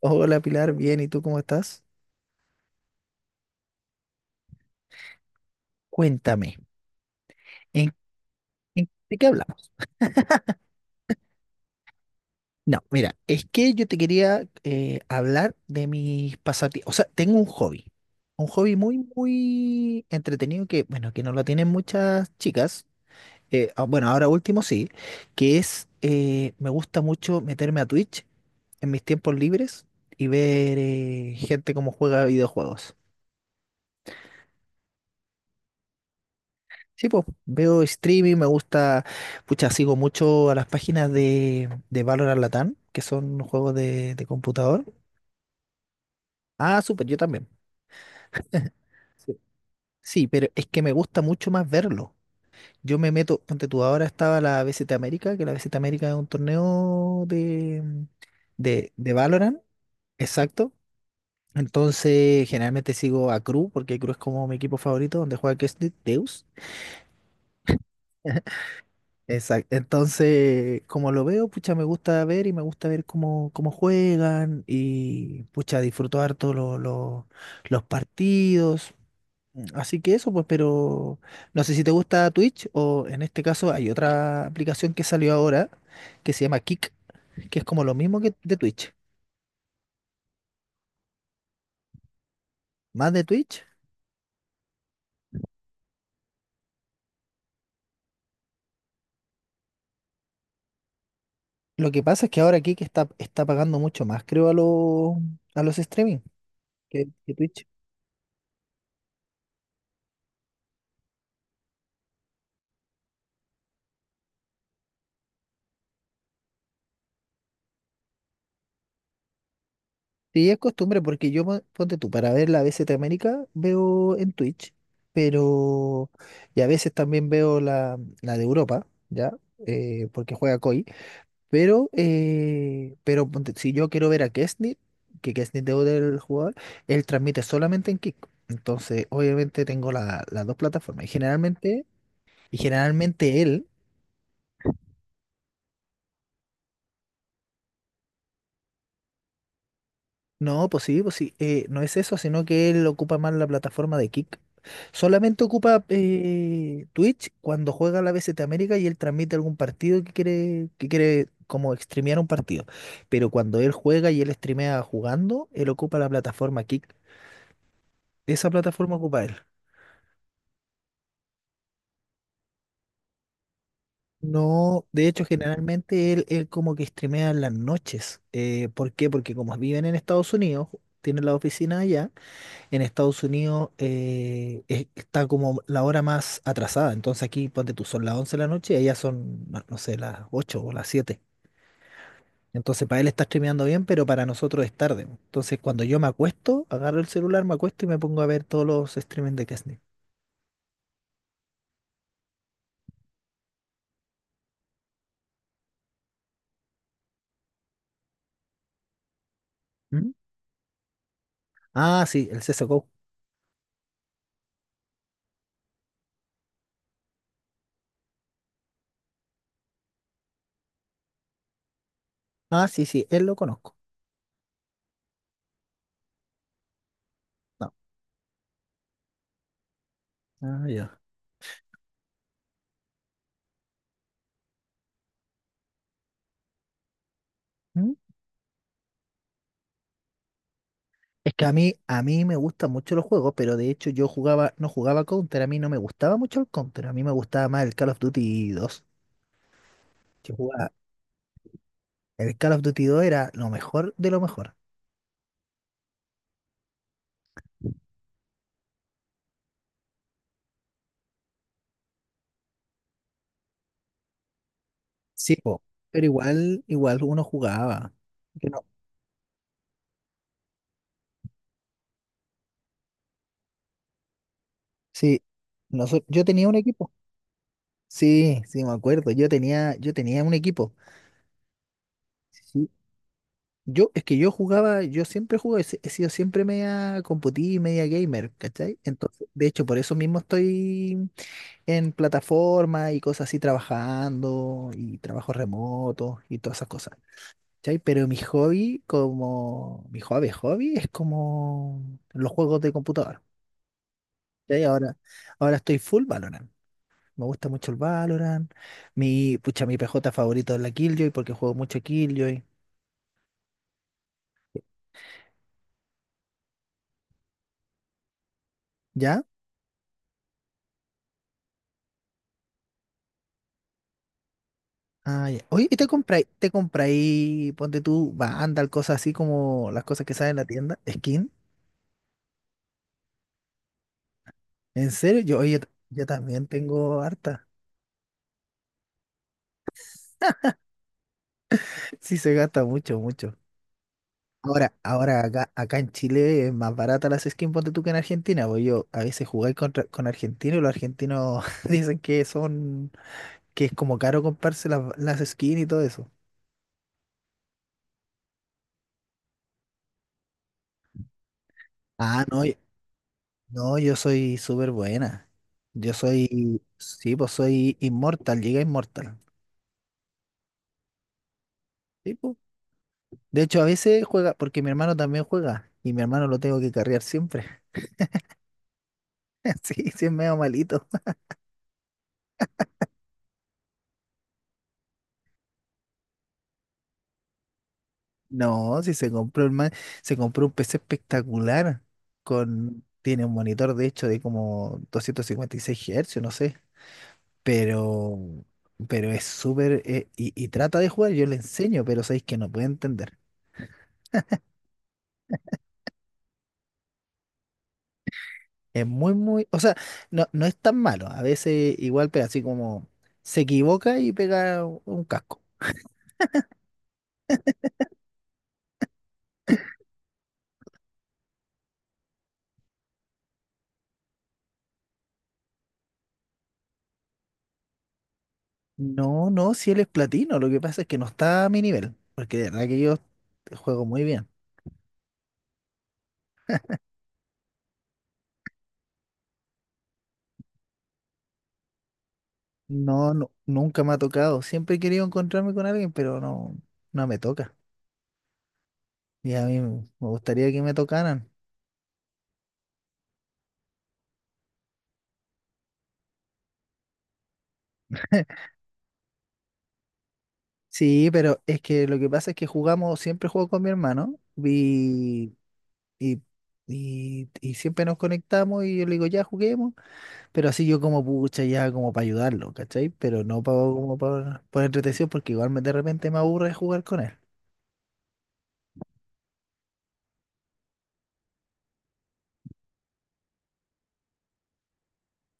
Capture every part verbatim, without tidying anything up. Hola Pilar, bien, ¿y tú cómo estás? Cuéntame, ¿en, en- de qué hablamos? No, mira, es que yo te quería eh, hablar de mis pasatiempos. O sea, tengo un hobby, un hobby muy, muy entretenido que, bueno, que no lo tienen muchas chicas. Eh, ah, bueno, ahora último sí, que es, eh, me gusta mucho meterme a Twitch en mis tiempos libres y ver eh, gente cómo juega videojuegos. Sí, pues veo streaming, me gusta, pucha, sigo mucho a las páginas de, de Valorant Latam, que son juegos de, de computador. Ah, súper, yo también. Sí. Sí, pero es que me gusta mucho más verlo. Yo me meto, ponte tú, ahora estaba la B C T América, que la B C T América es un torneo de, de, de Valorant, exacto. Entonces, generalmente sigo a Cru, porque Cru es como mi equipo favorito, donde juega Kestis Deus. Exacto. Entonces, como lo veo, pucha, me gusta ver y me gusta ver cómo, cómo juegan y pucha, disfruto harto lo- lo- los partidos. Así que eso, pues, pero no sé si te gusta Twitch o en este caso hay otra aplicación que salió ahora que se llama Kick, que es como lo mismo que de Twitch, más de Twitch. Lo que pasa es que ahora Kick está, está pagando mucho más, creo, a los, a los streaming que que Twitch. Sí, es costumbre, porque yo, pon- ponte tú, para ver la B BCT América veo en Twitch, pero y a veces también veo la, la de Europa, ¿ya? Eh, porque juega coi, pero, eh, pero ponte- si yo quiero ver a Kesnit, que Kesnit es del jugador, él transmite solamente en Kick. Entonces, obviamente tengo la- las dos plataformas y generalmente, y generalmente él. No, pues sí, pues sí. eh, no es eso, sino que él ocupa más la plataforma de Kick. Solamente ocupa eh, Twitch cuando juega la B C T América y él transmite algún partido que quiere, que quiere como streamear un partido. Pero cuando él juega y él streamea jugando, él ocupa la plataforma Kick. Esa plataforma ocupa él. No, de hecho, generalmente él, él como que streamea en las noches. Eh, ¿por qué? Porque como viven en Estados Unidos, tienen la oficina allá en Estados Unidos eh, es- está como la hora más atrasada. Entonces aquí, ponte tú, son las once de la noche y allá son, no no sé, las ocho o las siete. Entonces para él está streameando bien, pero para nosotros es tarde. Entonces cuando yo me acuesto, agarro el celular, me acuesto y me pongo a ver todos los streamings de Kesney. ¿Mm? Ah, sí, el C S G O. Ah, sí, sí, él lo conozco. No. Ah, ya. ¿Mm? Es que a mí, a mí me gustan mucho los juegos, pero de hecho yo jugaba, no jugaba Counter, a mí no me gustaba mucho el Counter, a mí me gustaba más el Call of Duty dos. Que jugaba El Call of Duty dos era lo mejor de lo mejor. Sí, po, pero igual, igual uno jugaba. Que no. Sí, noso- yo tenía un equipo. Sí, sí, me acuerdo. Yo tenía, yo tenía un equipo. Sí. Yo, es que yo jugaba, yo siempre jugué, he si, he sido siempre media computí, media gamer, ¿cachai? Entonces, de hecho, por eso mismo estoy en plataforma y cosas así trabajando y trabajos remotos y todas esas cosas. ¿Cachai? Pero mi hobby, como mi hobby, hobby, es como los juegos de computador. ¿Cachai? Ahora, ahora estoy full Valorant. Me gusta mucho el Valorant. Mi, pucha, mi P J favorito es la Killjoy porque juego mucho Killjoy. ¿Ya? Ah, ya. Oye, ¿y te compráis, te compráis, ponte tú, Vandal, cosas así como las cosas que salen en la tienda? ¿Skin? ¿En serio? Yo, oye, yo también tengo harta. Sí, se gasta mucho, mucho. Ahora, ahora acá, acá en Chile es más barata las skins, ponte tú que en Argentina, porque yo a veces jugué contra, con argentinos y los argentinos dicen que son, que es como caro comprarse las, las skins y todo eso. Ah, no, y- no, yo soy súper buena. Yo soy, sí, pues soy inmortal, llegué a inmortal. Sí, pues. De hecho, a veces juega, porque mi hermano también juega y mi hermano lo tengo que carrear siempre. Sí, sí, es medio malito. No, si se compró el man, se compró un P C espectacular con tiene un monitor de hecho de como doscientos cincuenta y seis Hz, no sé, pero pero es súper eh, y, y trata de jugar, yo le enseño, pero sabéis que no puede entender. Es muy muy, o sea, no no es tan malo, a veces igual pero así como se equivoca y pega un casco. No, no, si él es platino, lo que pasa es que no está a mi nivel, porque de verdad que yo juego muy bien. No, no, nunca me ha tocado. Siempre he querido encontrarme con alguien, pero no, no me toca. Y a mí me me gustaría que me tocaran. Sí, pero es que lo que pasa es que jugamos, siempre juego con mi hermano y, y, y, y siempre nos conectamos y yo le digo, ya juguemos, pero así yo como pucha, ya como para ayudarlo, ¿cachai? Pero no pa- como para por entretención porque igual me- de repente me aburre jugar con él.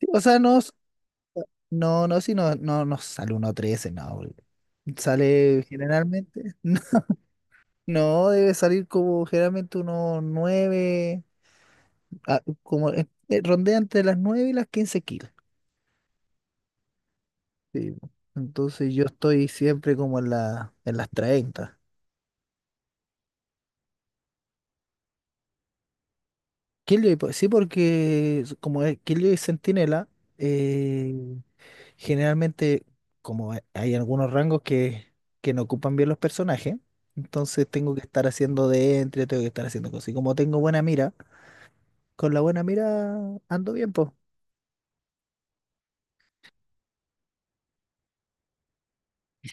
Sí, o sea, no, s- no, no, si no, no, no sale uno trece no. Porque sale generalmente. No, debe salir como generalmente unos nueve ah, como eh, eh, rondea entre las nueve y las quince kilos. Sí, po. Entonces yo estoy siempre como en, la, en las treinta. Killjoy, pues, sí, porque s- como es Killjoy y Centinela, eh, generalmente como ha- hay algunos rangos que, que no ocupan bien los personajes, entonces tengo que estar haciendo de entre, tengo que estar haciendo cosas. Y como tengo buena mira, con la buena mira ando bien.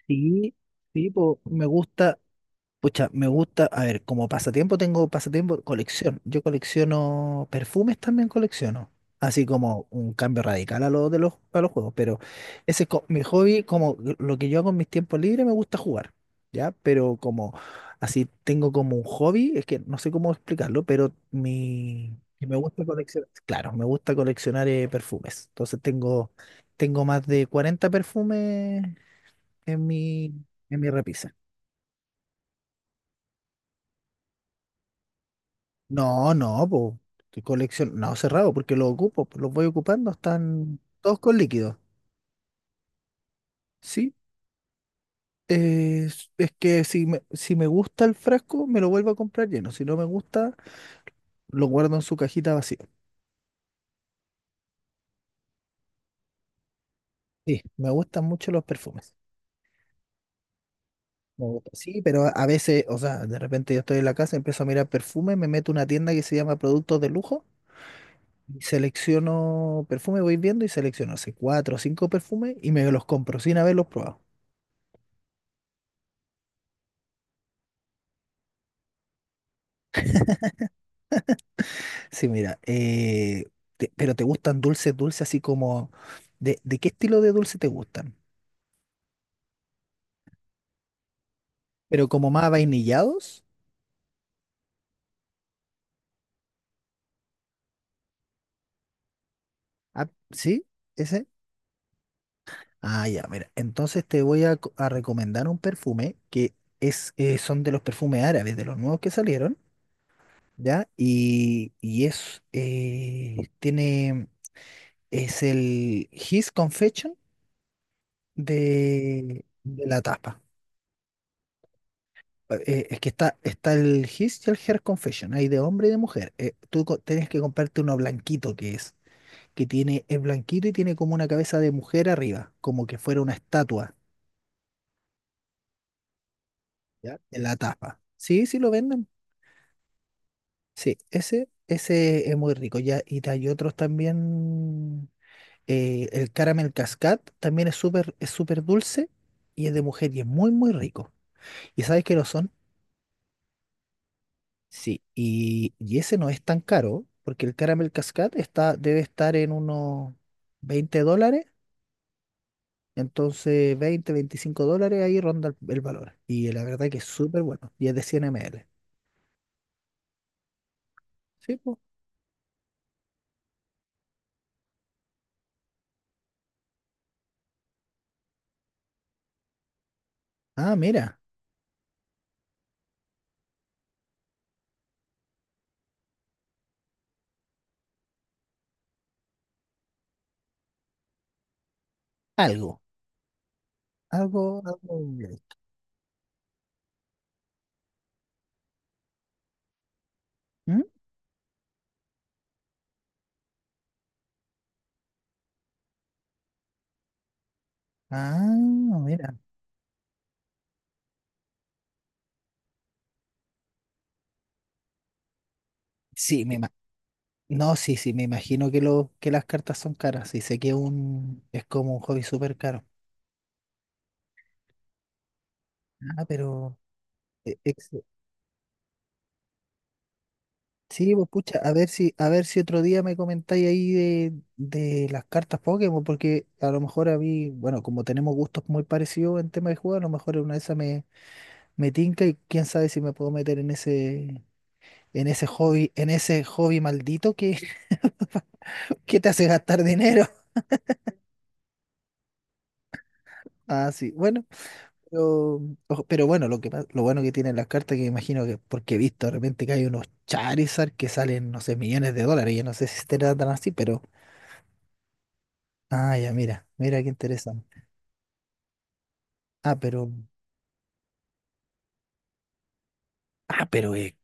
Sí, sí, po, me gusta, pucha, me gusta, a ver, como pasatiempo tengo pasatiempo, colección. Yo colecciono perfumes también colecciono. Así como un cambio radical a lo de los, a los juegos. Pero ese es co- mi hobby, como lo que yo hago en mis tiempos libres, me gusta jugar. ¿Ya? Pero como así tengo como un hobby, es que no sé cómo explicarlo, pero mi y me gusta coleccionar, claro, me gusta coleccionar eh, perfumes. Entonces tengo, tengo más de cuarenta perfumes en mi, en mi repisa. No, no, pues, que colección, no, cerrado, porque los ocupo, po, los voy ocupando, están todos con líquido. Sí, eh, es, es que si me, si me gusta el frasco, me lo vuelvo a comprar lleno. Si no me gusta, lo guardo en su cajita vacía. Sí, me gustan mucho los perfumes. Me gusta, sí, pero a a veces, o sea, de repente yo estoy en la casa, empiezo a mirar perfume, me meto a una tienda que se llama Productos de Lujo, y selecciono perfume, voy viendo y selecciono hace cuatro o cinco perfumes y me los compro sin haberlos probado. Sí, mira, eh, te- pero ¿te gustan dulces, dulces así como... ¿De, de qué estilo de dulce te gustan? ¿Pero como más vainillados? Ah, ¿sí? ¿Ese? Ah, ya, mira. Entonces te voy a, co- a recomendar un perfume que es, eh, son de los perfumes árabes, de los nuevos que salieron, ¿ya? Y, y es, eh, tiene, es el His Confession de, de la tapa. Eh, es que está, está el His y el Her Confession, hay de hombre y de mujer. Eh, tú co- tienes que comprarte uno blanquito que es, que tiene, es blanquito y tiene como una cabeza de mujer arriba, como que fuera una estatua ¿ya? En la tapa. Sí, sí lo venden. Sí, ese, ese es muy rico. Ya, y hay otros también. Eh, el Caramel Cascade también es súper, es súper dulce y es de mujer y es muy, muy rico. ¿Y sabes que no son? Sí, y, y ese no es tan caro, porque el Caramel Cascade está, debe estar en unos veinte dólares, entonces veinte veinticinco dólares ahí ronda el, el valor. Y la verdad que es súper bueno, y es de cien ml. Sí, pues. Ah, mira, algo, algo, algo. ¿Mm? Ah, mira. Sí, me ima- no, sí, sí, me imagino que, lo, que las cartas son caras, y sé que un, es como un hobby súper caro. Ah, pero... Sí, pues pucha, a ver si, a ver si otro día me comentáis ahí de, de las cartas Pokémon, porque a lo mejor a mí, bueno, como tenemos gustos muy parecidos en tema de juego, a lo mejor en una de esas me, me tinca y quién sabe si me puedo meter en ese, en ese hobby, en ese hobby maldito que que te hace gastar dinero. Ah, sí, bueno, pero, ojo, pero bueno, lo que, pa- lo bueno que tienen las cartas, que imagino que, porque he visto de repente que hay unos Charizard que salen, no sé, millones de dólares, yo no sé si estarán tan así, pero Ah, ya, mira, mira qué interesante. Ah, pero, ah, pero es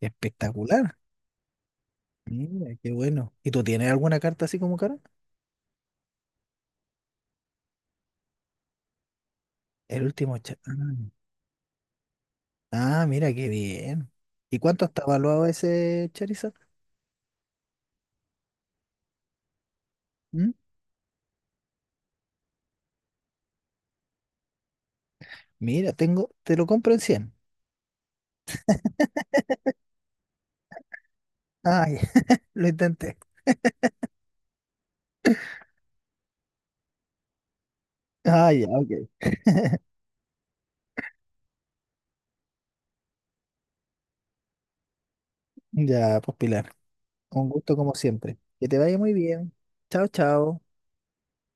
espectacular. Mira, qué bueno. ¿Y tú tienes alguna carta así como cara? El último cha- ah, ah, mira, qué bien. ¿Y cuánto está evaluado ese Charizard? ¿Mm? Mira, tengo, te lo compro en cien. Ah, ya, lo intenté. Ah, ya, ok. Ya, pues Pilar, un gusto como siempre. Que te vaya muy bien. Chao, chao.